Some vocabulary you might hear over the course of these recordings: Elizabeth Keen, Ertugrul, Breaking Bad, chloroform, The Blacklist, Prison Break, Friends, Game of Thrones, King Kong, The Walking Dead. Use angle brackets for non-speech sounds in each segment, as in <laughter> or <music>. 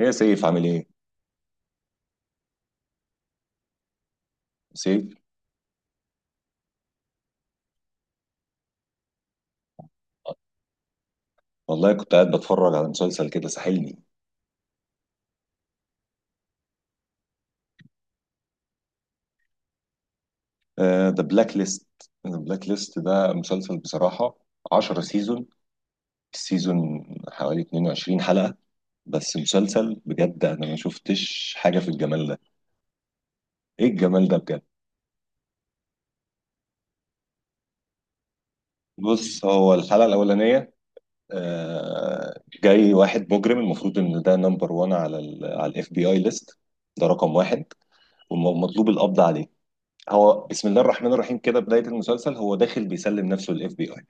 ايه يا سيف عامل ايه؟ سيف. والله كنت قاعد بتفرج على مسلسل كده ساحلني. ذا بلاك ليست. ذا بلاك ليست ده مسلسل بصراحة. 10 سيزون. السيزون حوالي 22 حلقة. بس مسلسل بجد، انا ما شفتش حاجة في الجمال ده. ايه الجمال ده بجد. بص، هو الحلقة الأولانية جاي واحد مجرم، المفروض ان ده نمبر 1 على على الاف بي اي ليست. ده رقم واحد والمطلوب القبض عليه. هو بسم الله الرحمن الرحيم كده بداية المسلسل، هو داخل بيسلم نفسه للاف بي اي.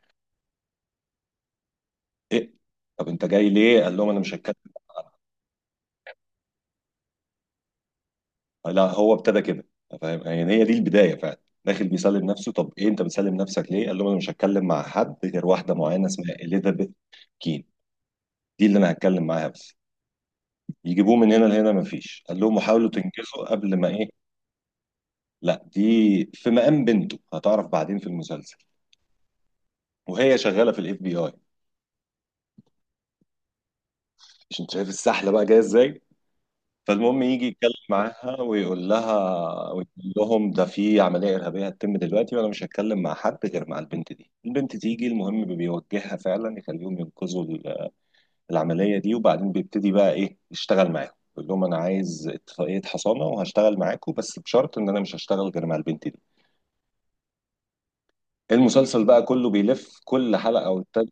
ايه؟ طب انت جاي ليه؟ قال لهم انا مش هتكلم. لا هو ابتدى كده، فاهم؟ يعني هي دي البداية، فعلا داخل بيسلم نفسه. طب ايه؟ انت بتسلم نفسك ليه؟ قال لهم انا مش هتكلم مع حد غير واحدة معينة اسمها اليزابيث كين. دي اللي انا هتكلم معاها بس. يجيبوه من هنا لهنا مفيش، قال لهم حاولوا تنجزوا قبل ما ايه. لا دي في مقام بنته، هتعرف بعدين في المسلسل، وهي شغالة في الاف بي اي. مش انت شايف السحلة بقى جاية ازاي. فالمهم يجي يتكلم معاها ويقول لها، ويقول لهم ده في عملية إرهابية هتتم دلوقتي وأنا مش هتكلم مع حد غير مع البنت دي. البنت تيجي، المهم بيوجهها فعلا، يخليهم ينقذوا العملية دي. وبعدين بيبتدي بقى إيه، يشتغل معاهم. يقول لهم أنا عايز اتفاقية حصانة وهشتغل معاكم، بس بشرط إن أنا مش هشتغل غير مع البنت دي. المسلسل بقى كله بيلف كل حلقة والتانية.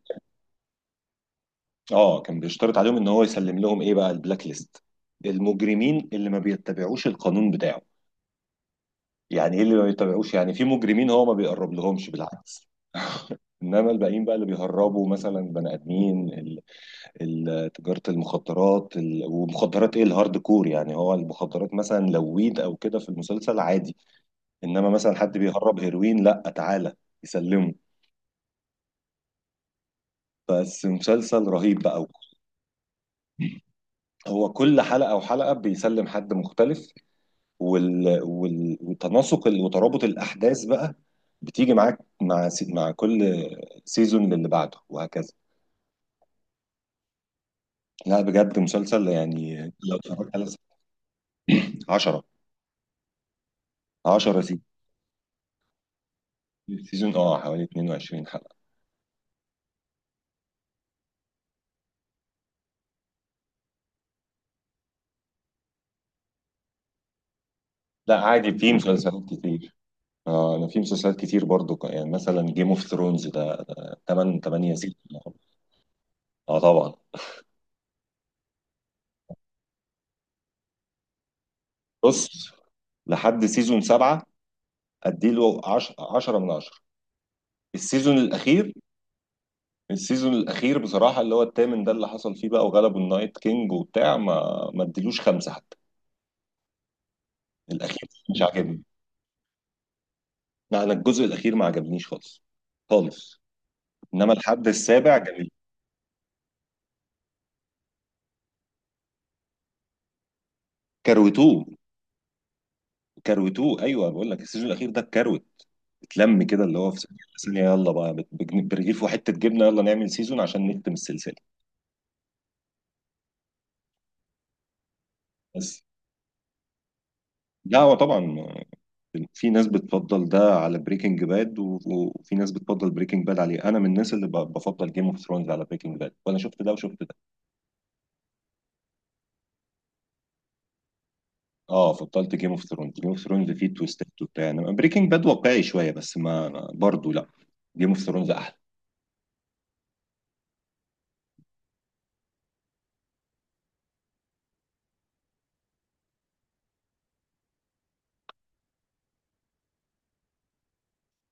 آه، كان بيشترط عليهم إن هو يسلم لهم إيه بقى، البلاك ليست، المجرمين اللي ما بيتبعوش القانون بتاعه. يعني ايه اللي ما بيتابعوش؟ يعني في مجرمين هو ما بيقرب لهمش، بالعكس. انما الباقيين بقى اللي بيهربوا مثلا بني ادمين تجاره المخدرات، ومخدرات ايه، الهارد كور. يعني هو المخدرات مثلا لو ويد او كده في المسلسل عادي، انما مثلا حد بيهرب هيروين، لا تعالى يسلمه. بس مسلسل رهيب بقى. هو كل حلقه وحلقه بيسلم حد مختلف. وال... وال... وتناسق ال- وترابط الاحداث بقى بتيجي معاك مع مع كل سيزون للي بعده وهكذا. لا بجد مسلسل، يعني لو اتفرجت على. 10 10 سيزون. سيزون اه حوالي 22 حلقة. لا عادي، في مسلسلات كتير. اه انا في مسلسلات كتير برضو، يعني مثلا جيم اوف ثرونز ده 8 سيزون. اه طبعا. بص، لحد سيزون 7 اديله 10، 10 من 10. السيزون الاخير. السيزون الاخير بصراحة اللي هو الثامن، ده اللي حصل فيه بقى وغلبوا النايت كينج وبتاع، ما اديلوش خمسة حتى. الاخير مش عاجبني. لا انا الجزء الاخير ما عجبنيش خالص، خالص. انما الحد السابع جميل. كروتوه. كروتوه، ايوه، بقول لك السيزون الاخير ده اتكروت، اتلم كده، اللي هو في ثانيه، ثانية. يلا بقى برغيف وحته جبنه يلا نعمل سيزون عشان نختم السلسله. بس. لا هو طبعا في ناس بتفضل ده على بريكنج باد وفي ناس بتفضل بريكنج باد عليه. انا من الناس اللي بفضل جيم اوف ثرونز على بريكنج باد، وانا شفت ده وشفت ده. اه فضلت جيم اوف ثرونز. جيم اوف ثرونز فيه تويستات وبتاع، انما بريكنج باد واقعي شويه، بس ما. برضه لا، جيم اوف ثرونز احلى.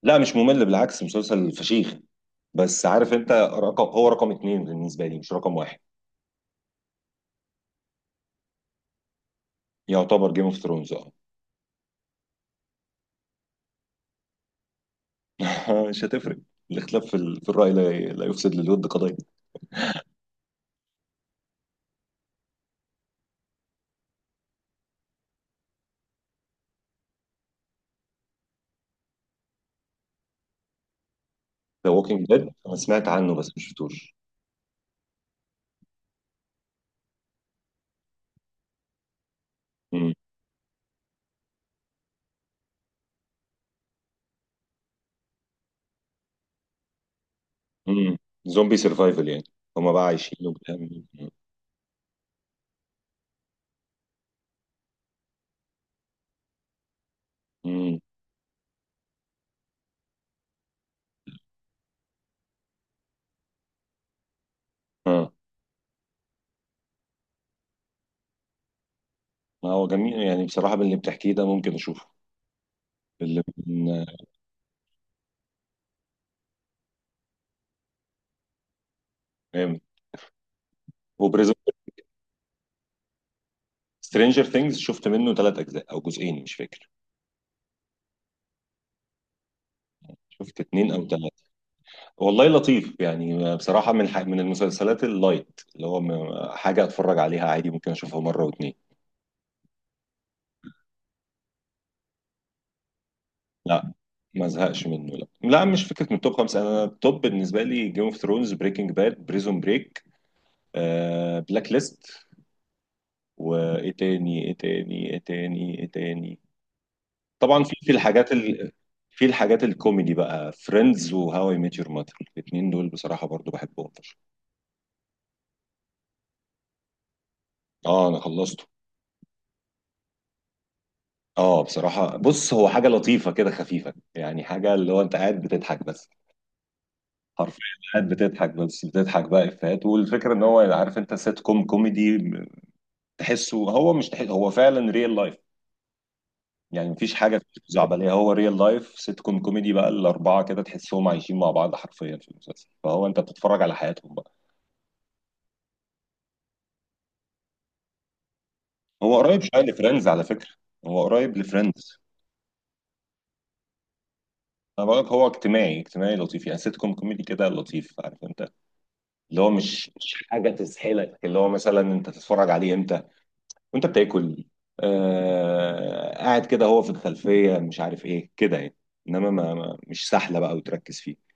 لا مش ممل، بالعكس، مسلسل فشيخ، بس عارف انت، هو رقم اتنين بالنسبه لي، مش رقم واحد. يعتبر جيم اوف ثرونز، اه. <laughs> مش هتفرق. الاختلاف في الرأي لا، لا يفسد للود قضية. ذا ووكينج ديد انا سمعت عنه بس ما شفتوش. مم. مم. زومبي سرفايفل يعني، هما بقى عايشين وبتعمل. امم. اه ما هو جميل يعني، بصراحة من اللي بتحكيه ده ممكن اشوفه. اللي من. جامد. وبريزون. سترينجر ثينجز شفت منه ثلاث اجزاء او جزئين مش فاكر. شفت اتنين او ثلاثة. والله لطيف يعني بصراحة، من المسلسلات اللايت، اللي هو حاجة اتفرج عليها عادي، ممكن اشوفها مرة واتنين. لا ما ازهقش منه، لا لا، مش فكرة من التوب خمسة. انا التوب بالنسبة لي جيم اوف ثرونز، بريكنج باد، بريزون بريك، بلاك ليست، وايه تاني، ايه تاني، ايه تاني، ايه تاني. طبعا في الحاجات في الحاجات الكوميدي بقى، فريندز وهاو اي ميت يور ماتر، الاثنين دول بصراحة برضو بحبهم فشخ. اه انا خلصت. اه بصراحة بص، هو حاجة لطيفة كده خفيفة، يعني حاجة اللي هو انت قاعد بتضحك بس، حرفيا قاعد بتضحك بس، بتضحك بقى افيهات، والفكرة ان هو عارف انت سيت كوم كوميدي، تحسه هو، مش تحس هو فعلا ريل لايف. يعني مفيش حاجة زعبلية، هو ريل لايف سيت كوم كوميدي بقى، الأربعة كده تحسهم عايشين مع بعض حرفيا في المسلسل، فهو انت بتتفرج على حياتهم بقى. هو قريب شوية لفريندز على فكرة. هو قريب لفريندز. انا بقولك هو اجتماعي، اجتماعي لطيف، يعني سيت كوم كوميدي كده لطيف، عارف انت، اللي هو مش حاجه تسحلك، اللي هو مثلا انت تتفرج عليه امتى وانت بتاكل، آه، قاعد كده هو في الخلفيه مش عارف ايه كده يعني، انما مش سهله بقى وتركز فيه.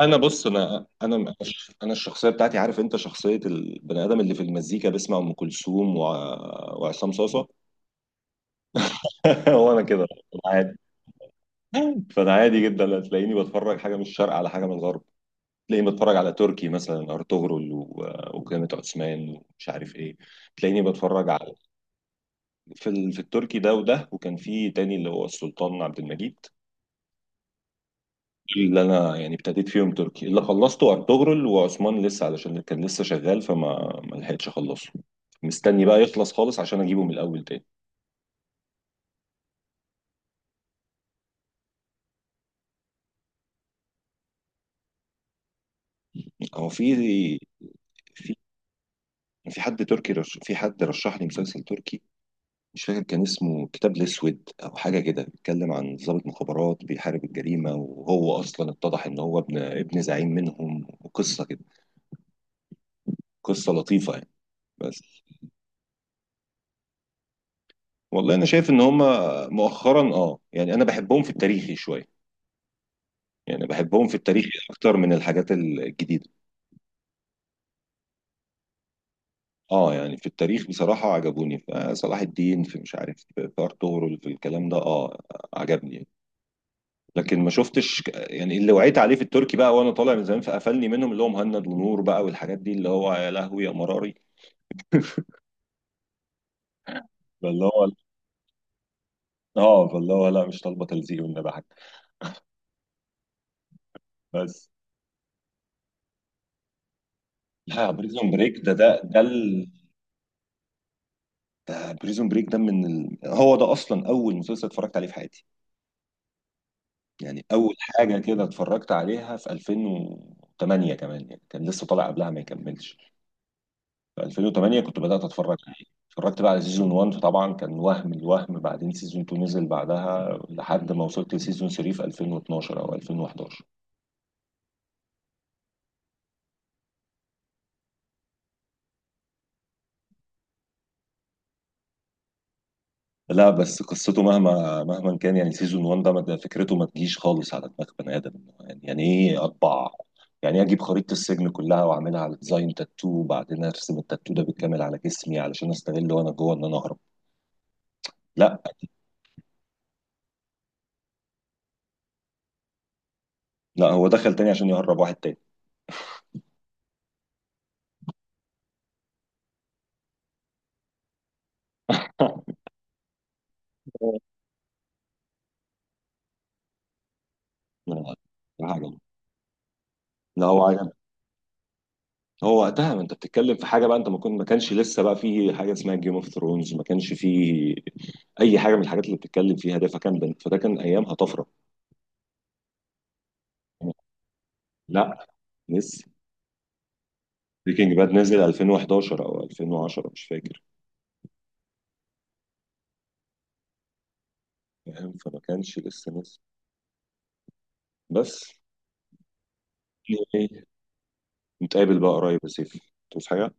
انا بص، انا انا الشخصيه بتاعتي عارف انت، شخصيه البني ادم اللي في المزيكا بيسمع ام كلثوم وعصام صاصه. <laughs> هو انا كده عادي. فانا عادي جدا، هتلاقيني بتفرج حاجه من الشرق على حاجه من الغرب. تلاقيني بتفرج على تركي مثلا ارطغرل وقيامة عثمان ومش عارف ايه. تلاقيني بتفرج على في التركي ده وده، وكان في تاني اللي هو السلطان عبد المجيد. دول اللي انا يعني ابتديت فيهم تركي. اللي خلصته ارطغرل، وعثمان لسه علشان كان لسه شغال، فما ما لحقتش اخلصه. مستني بقى يخلص خالص عشان اجيبه من الاول تاني. هو في في في حد تركي في حد رشح لي مسلسل تركي، مش فاكر كان اسمه كتاب الاسود او حاجه كده، بيتكلم عن ضابط مخابرات بيحارب الجريمه، وهو اصلا اتضح ان هو ابن زعيم منهم، وقصه كده. قصه لطيفه يعني. بس والله انا شايف ان هم مؤخرا، اه، يعني انا بحبهم في التاريخي شويه، يعني بحبهم في التاريخ اكتر من الحاجات الجديده. اه يعني في التاريخ بصراحه عجبوني في صلاح الدين، في مش عارف في ارطغرل، في الكلام ده، اه، عجبني يعني. لكن ما شفتش، يعني اللي وعيت عليه في التركي بقى وانا طالع من زمان فقفلني منهم، اللي هو مهند ونور بقى، والحاجات دي اللي هو يا لهوي يا مراري. <laughs> فاللي هو اه فاللي هو لا، مش طالبه تلزيق والنبي حاجه. بس. لا بريزون بريك ده ده بريزون بريك، ده من هو ده اصلا اول مسلسل اتفرجت عليه في حياتي. يعني اول حاجه كده اتفرجت عليها في 2008 كمان، يعني كان لسه طالع قبلها ما يكملش. في 2008 كنت بدأت اتفرج عليه. اتفرجت بقى على سيزون 1، فطبعا كان وهم الوهم. بعدين سيزون 2 نزل بعدها، لحد ما وصلت لسيزون 3 في 2012 او 2011. لا بس قصته مهما مهما كان، يعني سيزون 1 ده، ده فكرته ما تجيش خالص على دماغ بني ادم. يعني ايه اطبع؟ يعني إيه اجيب خريطة السجن كلها واعملها على ديزاين تاتو، وبعدين ارسم التاتو ده بالكامل على جسمي علشان استغل وانا جوه ان انا اهرب؟ لا. لا، هو دخل تاني عشان يهرب واحد تاني. <laughs> من الغاية. حاجة. <laughs> لا هو، وقتها ما انت بتتكلم في حاجه بقى، انت ما كانش لسه بقى في حاجه اسمها جيم اوف ثرونز، ما كانش في اي حاجه من الحاجات اللي بتتكلم فيها ده، فكان فده كان ايامها طفره. لا لسه. بريكنج باد نزل 2011 او 2010 مش فاكر. فاهم، فما كانش لسه نزل. بس ايه، نتقابل بقى قريب يا سيف، توس حاجه.